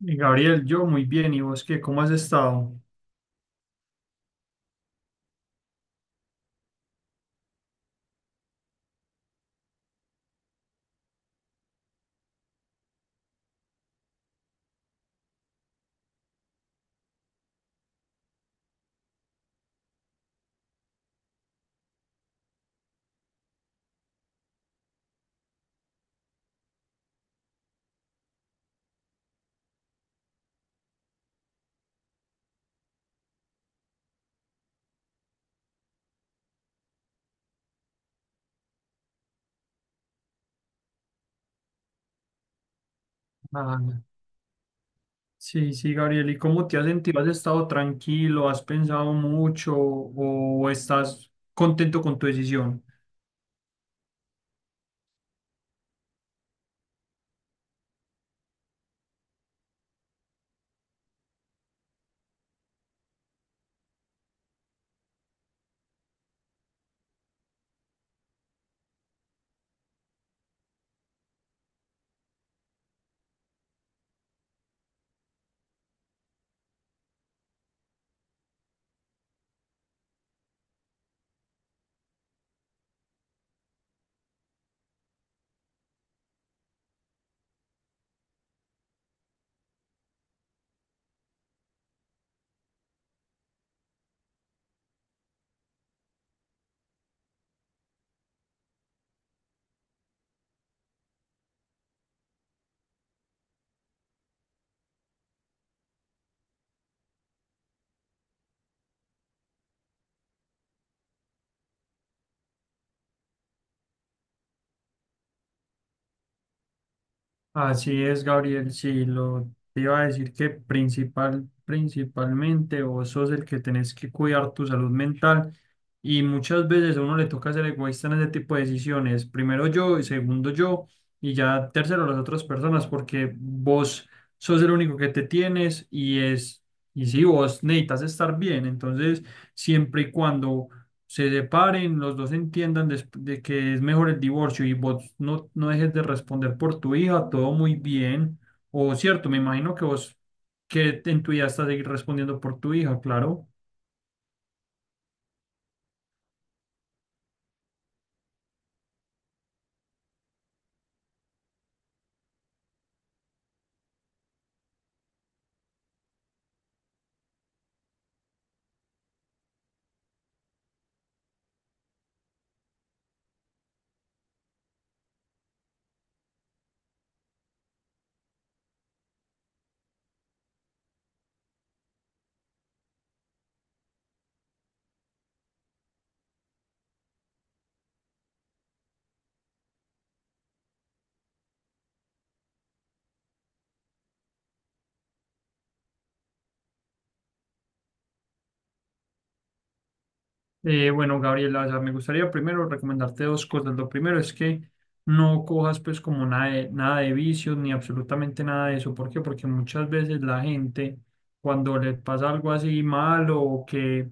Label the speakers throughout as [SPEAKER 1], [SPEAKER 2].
[SPEAKER 1] Y Gabriel, yo muy bien, ¿y vos qué? ¿Cómo has estado? Ah, sí, sí, Gabriel, ¿y cómo te has sentido? ¿Has estado tranquilo? ¿Has pensado mucho o estás contento con tu decisión? Así es, Gabriel, sí, lo te iba a decir que principalmente vos sos el que tenés que cuidar tu salud mental. Y muchas veces a uno le toca ser egoísta en ese tipo de decisiones. Primero yo, y segundo yo, y ya tercero las otras personas, porque vos sos el único que te tienes y si vos necesitas estar bien, entonces siempre y cuando se separen, los dos entiendan de que es mejor el divorcio y vos no, no dejes de responder por tu hija, todo muy bien. O cierto, me imagino que vos que en tu vida estás seguir respondiendo por tu hija, claro. Bueno, Gabriela, o sea, me gustaría primero recomendarte dos cosas. Lo primero es que no cojas pues como nada de vicios ni absolutamente nada de eso. ¿Por qué? Porque muchas veces la gente cuando le pasa algo así malo o que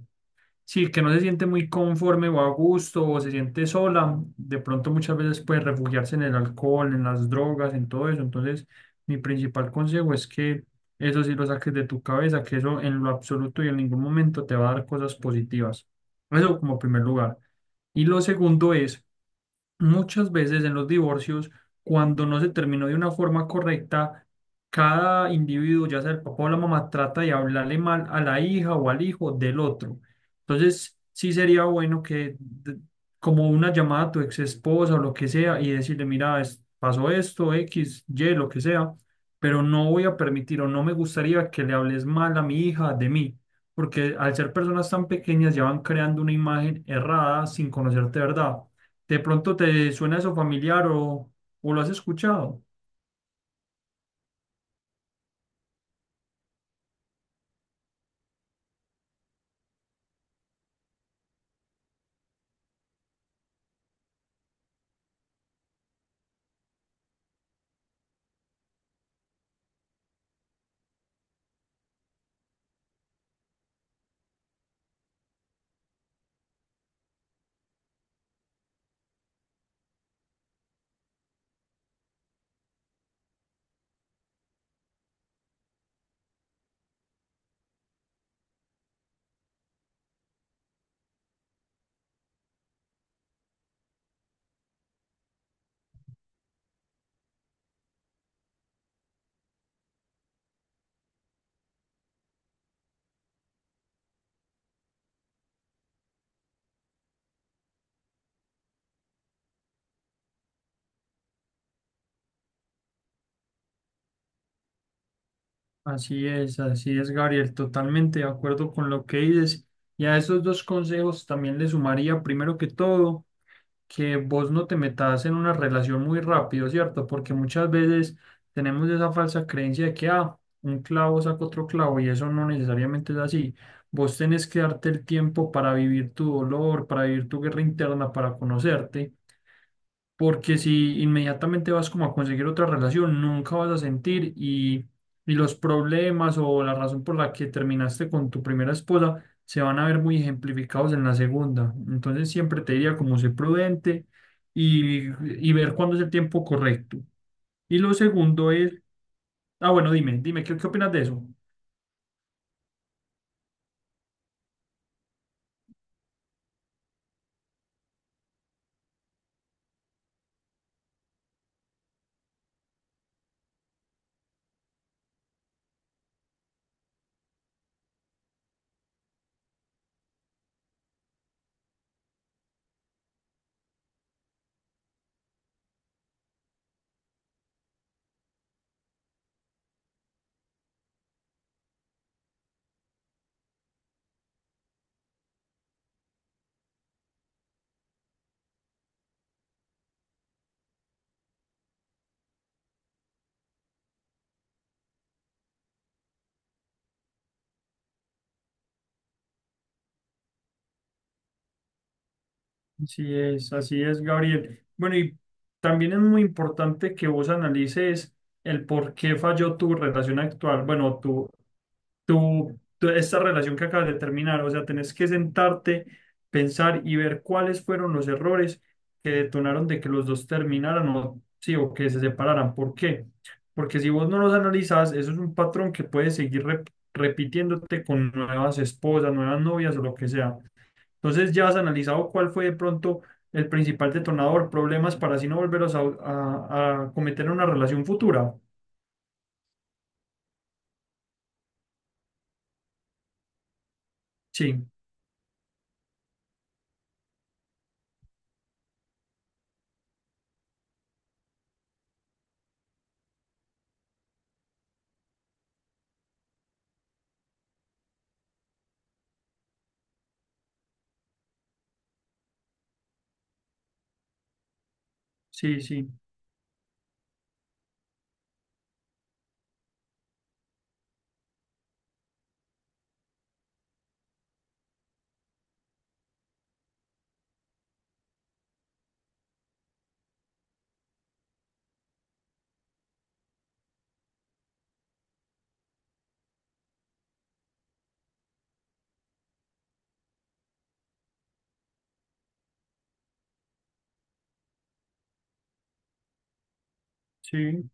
[SPEAKER 1] sí, que no se siente muy conforme o a gusto o se siente sola, de pronto muchas veces puede refugiarse en el alcohol, en las drogas, en todo eso. Entonces, mi principal consejo es que eso sí lo saques de tu cabeza, que eso en lo absoluto y en ningún momento te va a dar cosas positivas. Eso como primer lugar. Y lo segundo es: muchas veces en los divorcios, cuando no se terminó de una forma correcta, cada individuo, ya sea el papá o la mamá, trata de hablarle mal a la hija o al hijo del otro. Entonces, sí sería bueno que, como una llamada a tu ex esposa o lo que sea, y decirle, mira, pasó esto, X, Y, lo que sea, pero no voy a permitir o no me gustaría que le hables mal a mi hija de mí, porque al ser personas tan pequeñas ya van creando una imagen errada sin conocerte de verdad. De pronto te suena eso familiar o lo has escuchado. Así es, Gabriel, totalmente de acuerdo con lo que dices. Y a esos dos consejos también le sumaría, primero que todo, que vos no te metas en una relación muy rápido, ¿cierto? Porque muchas veces tenemos esa falsa creencia de que, ah, un clavo saca otro clavo y eso no necesariamente es así. Vos tenés que darte el tiempo para vivir tu dolor, para vivir tu guerra interna, para conocerte. Porque si inmediatamente vas como a conseguir otra relación, nunca vas a sentir y los problemas o la razón por la que terminaste con tu primera esposa se van a ver muy ejemplificados en la segunda. Entonces siempre te diría como ser prudente y, y ver cuándo es el tiempo correcto. Y lo segundo es, ah, bueno, dime, dime, qué opinas de eso? Así es, Gabriel. Bueno, y también es muy importante que vos analices el por qué falló tu relación actual, bueno, tú- esta relación que acabas de terminar, o sea, tenés que sentarte, pensar y ver cuáles fueron los errores que detonaron de que los dos terminaran o, sí, o que se separaran. ¿Por qué? Porque si vos no los analizas eso es un patrón que puedes seguir repitiéndote con nuevas esposas, nuevas novias o lo que sea. Entonces ya has analizado cuál fue de pronto el principal detonador, problemas para así no volveros a, a cometer en una relación futura. Sí, sí, sí, sí.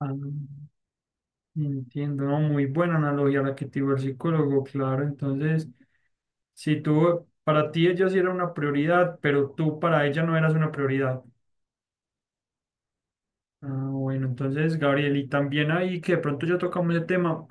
[SPEAKER 1] Ah, entiendo, ¿no? Muy buena analogía la que te dio el psicólogo, claro. Entonces, si tú, para ti ella sí era una prioridad, pero tú para ella no eras una prioridad. Ah, bueno, entonces, Gabriel, y también ahí que de pronto ya tocamos el tema,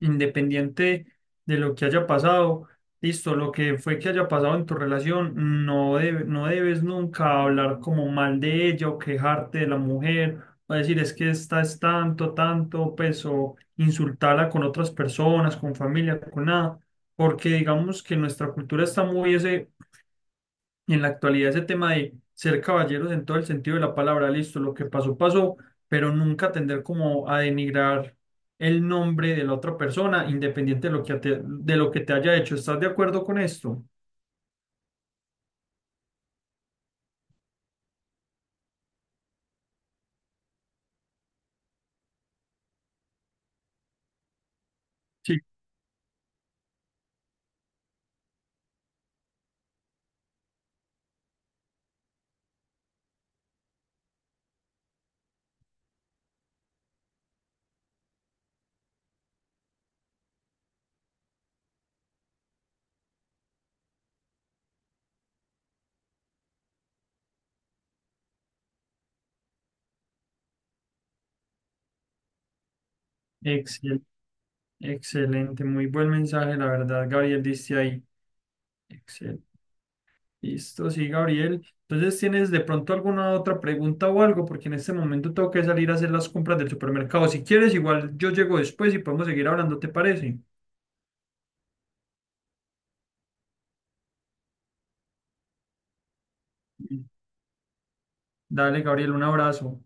[SPEAKER 1] independiente de lo que haya pasado, listo, lo que fue que haya pasado en tu relación, no, no debes nunca hablar como mal de ella o quejarte de la mujer o decir es que esta es tanto, tanto, pues o insultarla con otras personas, con familia, con nada, porque digamos que nuestra cultura está muy ese en la actualidad ese tema de ser caballeros en todo el sentido de la palabra, listo, lo que pasó, pasó, pero nunca tender como a denigrar el nombre de la otra persona, independiente de lo que te, de lo que te haya hecho. ¿Estás de acuerdo con esto? Sí. Excel, excelente, muy buen mensaje, la verdad, Gabriel, dice ahí. Excel. Listo, sí, Gabriel. Entonces, ¿tienes de pronto alguna otra pregunta o algo? Porque en este momento tengo que salir a hacer las compras del supermercado. Si quieres, igual yo llego después y podemos seguir hablando, ¿te parece? Dale, Gabriel, un abrazo.